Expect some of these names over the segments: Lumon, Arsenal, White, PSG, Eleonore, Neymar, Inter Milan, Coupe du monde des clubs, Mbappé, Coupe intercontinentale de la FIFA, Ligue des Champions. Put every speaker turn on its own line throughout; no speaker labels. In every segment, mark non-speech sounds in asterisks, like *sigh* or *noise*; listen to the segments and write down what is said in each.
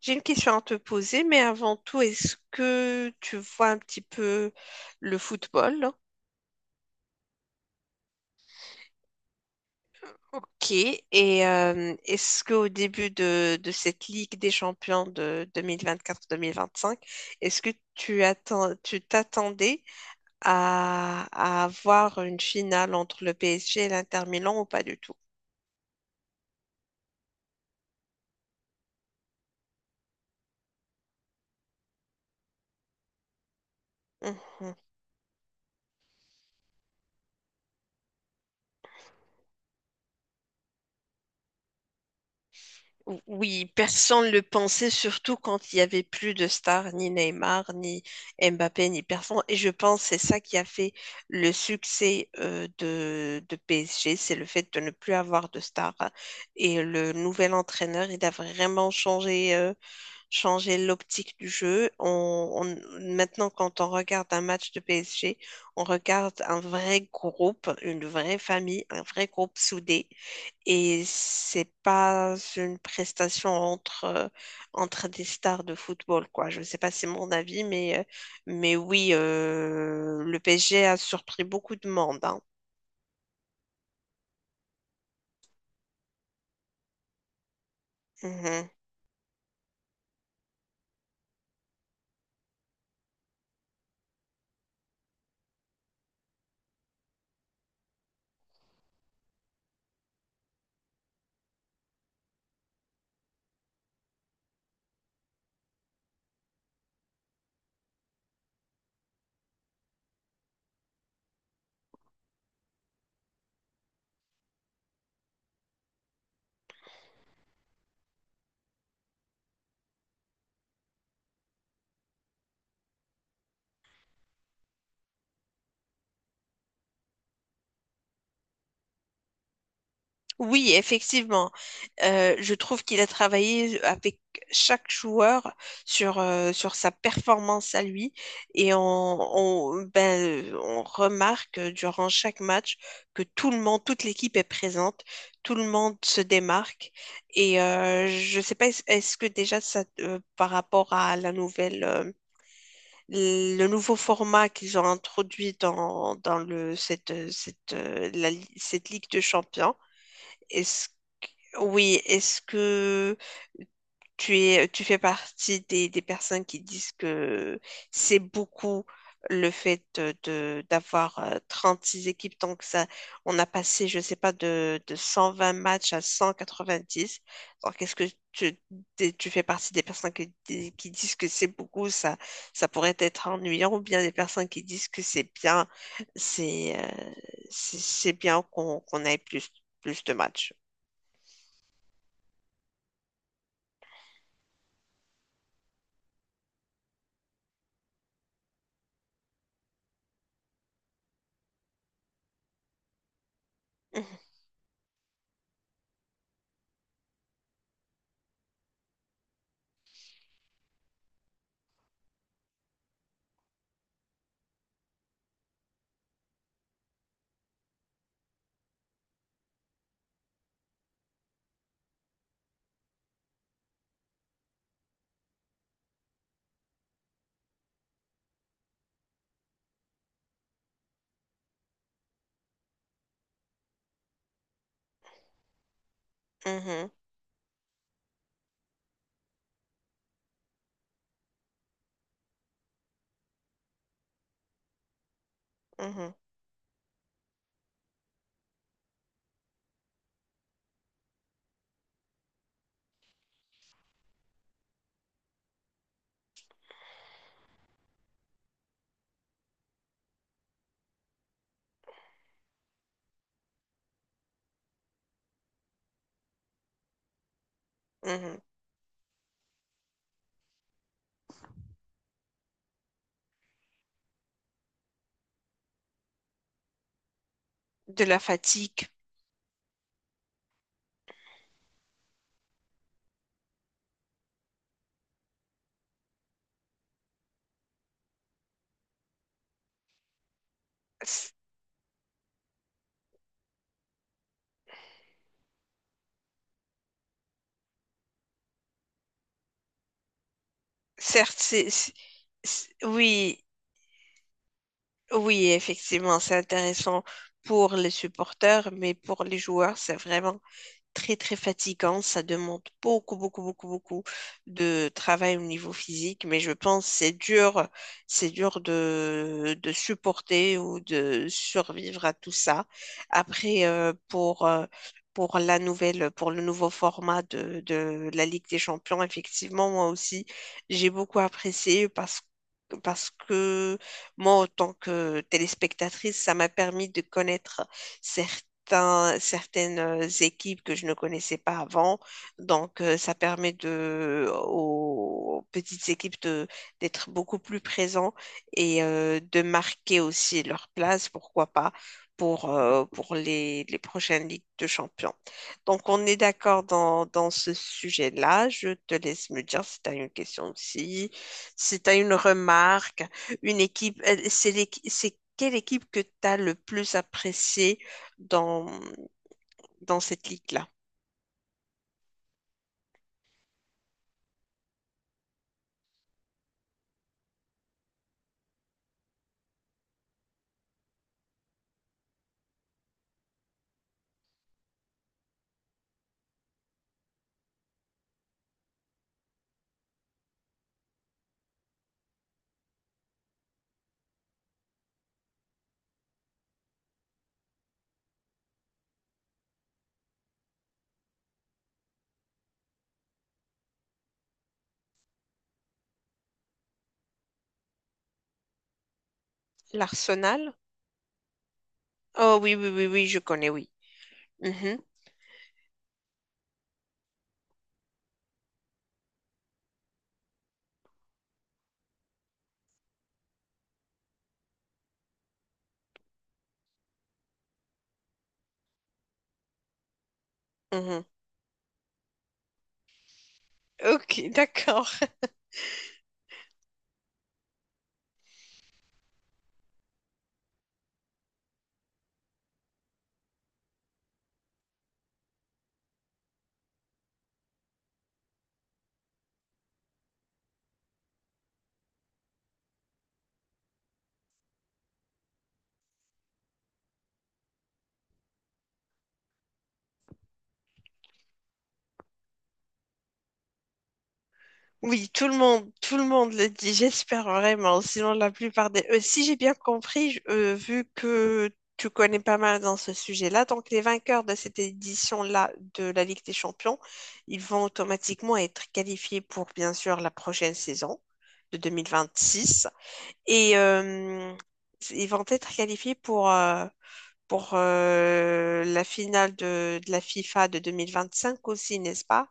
J'ai une question à te poser, mais avant tout, est-ce que tu vois un petit peu le football? Ok. Et est-ce qu'au début de cette Ligue des champions de 2024-2025, est-ce que tu t'attendais à avoir une finale entre le PSG et l'Inter Milan ou pas du tout? Mhm. Oui, personne ne le pensait, surtout quand il n'y avait plus de stars, ni Neymar, ni Mbappé, ni personne. Et je pense que c'est ça qui a fait le succès de PSG, c'est le fait de ne plus avoir de stars. Et le nouvel entraîneur, il a vraiment changé changer l'optique du jeu. Maintenant, quand on regarde un match de PSG, on regarde un vrai groupe, une vraie famille, un vrai groupe soudé. Et c'est pas une prestation entre des stars de football, quoi. Je ne sais pas, si c'est mon avis, mais oui, le PSG a surpris beaucoup de monde, hein. Mhm. Oui, effectivement. Je trouve qu'il a travaillé avec chaque joueur sur sa performance à lui et on remarque durant chaque match que toute l'équipe est présente, tout le monde se démarque et je sais pas, est-ce que déjà ça, par rapport à la nouvelle, le nouveau format qu'ils ont introduit dans, dans le, cette, cette, la cette Ligue de Champions, est-ce oui, est-ce que tu fais partie des personnes qui disent que c'est beaucoup, le fait de, d'avoir six équipes, donc ça, on a passé, je sais pas, de 120 matchs à 190. Donc, est-ce que tu, tu fais partie des personnes qui disent que c'est beaucoup, ça pourrait être ennuyant, ou bien des personnes qui disent que c'est bien, c'est euh, c'est bien qu'on ait plus, plus de matchs? Mhm. Mhm, mhm. De la fatigue. C- Certes, oui, oui, effectivement, c'est intéressant pour les supporters, mais pour les joueurs, c'est vraiment très très fatigant. Ça demande beaucoup beaucoup beaucoup beaucoup de travail au niveau physique, mais je pense que c'est dur de supporter ou de survivre à tout ça. Après, pour le nouveau format de la Ligue des Champions, effectivement, moi aussi, j'ai beaucoup apprécié parce que moi, en tant que téléspectatrice, ça m'a permis de connaître certains certaines équipes que je ne connaissais pas avant. Donc, ça permet de, aux petites équipes d'être beaucoup plus présents et de marquer aussi leur place, pourquoi pas, pour les prochaines Ligues de Champions. Donc, on est d'accord dans ce sujet-là. Je te laisse me dire si tu as une question aussi, si tu as une remarque, une équipe, c'est quelle équipe que tu as le plus appréciée dans, dans cette ligue-là. L'Arsenal? Oh oui, oui, oui, oui, je connais, oui. Mhm, mhm. Ok, *laughs* d'accord. Oui, tout le monde le dit, j'espère vraiment. Sinon, la plupart des... Si j'ai bien compris, vu que tu connais pas mal dans ce sujet-là, donc les vainqueurs de cette édition-là de la Ligue des Champions, ils vont automatiquement être qualifiés pour, bien sûr, la prochaine saison de 2026. Et ils vont être qualifiés pour, la finale de la FIFA de 2025 aussi, n'est-ce pas?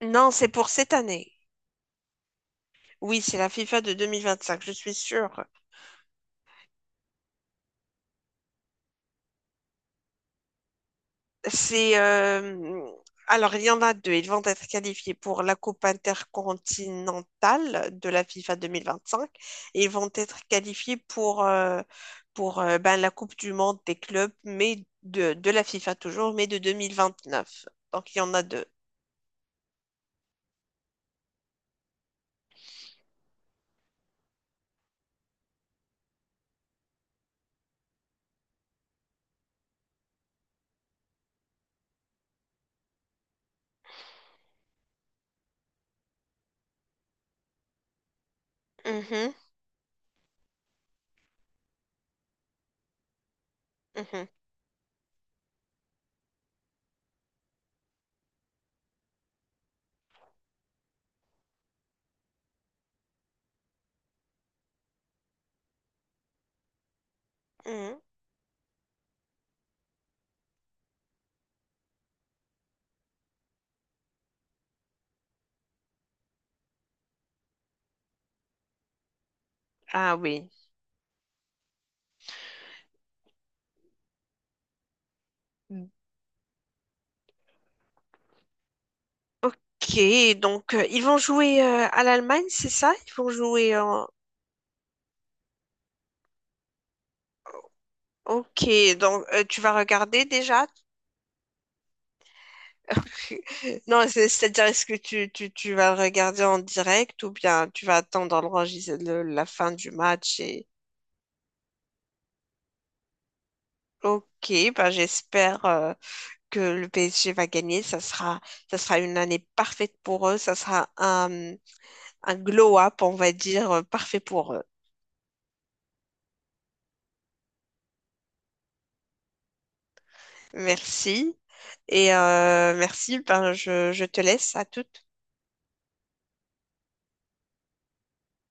Non, c'est pour cette année. Oui, c'est la FIFA de 2025, je suis sûre. C'est Alors il y en a deux. Ils vont être qualifiés pour la Coupe intercontinentale de la FIFA 2025 et ils vont être qualifiés pour ben, la Coupe du monde des clubs, mais de la FIFA toujours, mais de 2029. Donc il y en a deux. Mhm, mhm, mhm. Ah oui. Ok, donc ils vont jouer à l'Allemagne, c'est ça? Ils vont jouer en... Ok, donc tu vas regarder déjà? Tu- *laughs* Non, c'est- c'est-à-dire est-ce que tu vas le regarder en direct ou bien tu vas attendre la fin du match et... Ok, bah, j'espère que le PSG va gagner. Ça sera une année parfaite pour eux. Ça sera un glow-up, on va dire, parfait pour eux. Merci. Et merci, ben, je te laisse à toutes.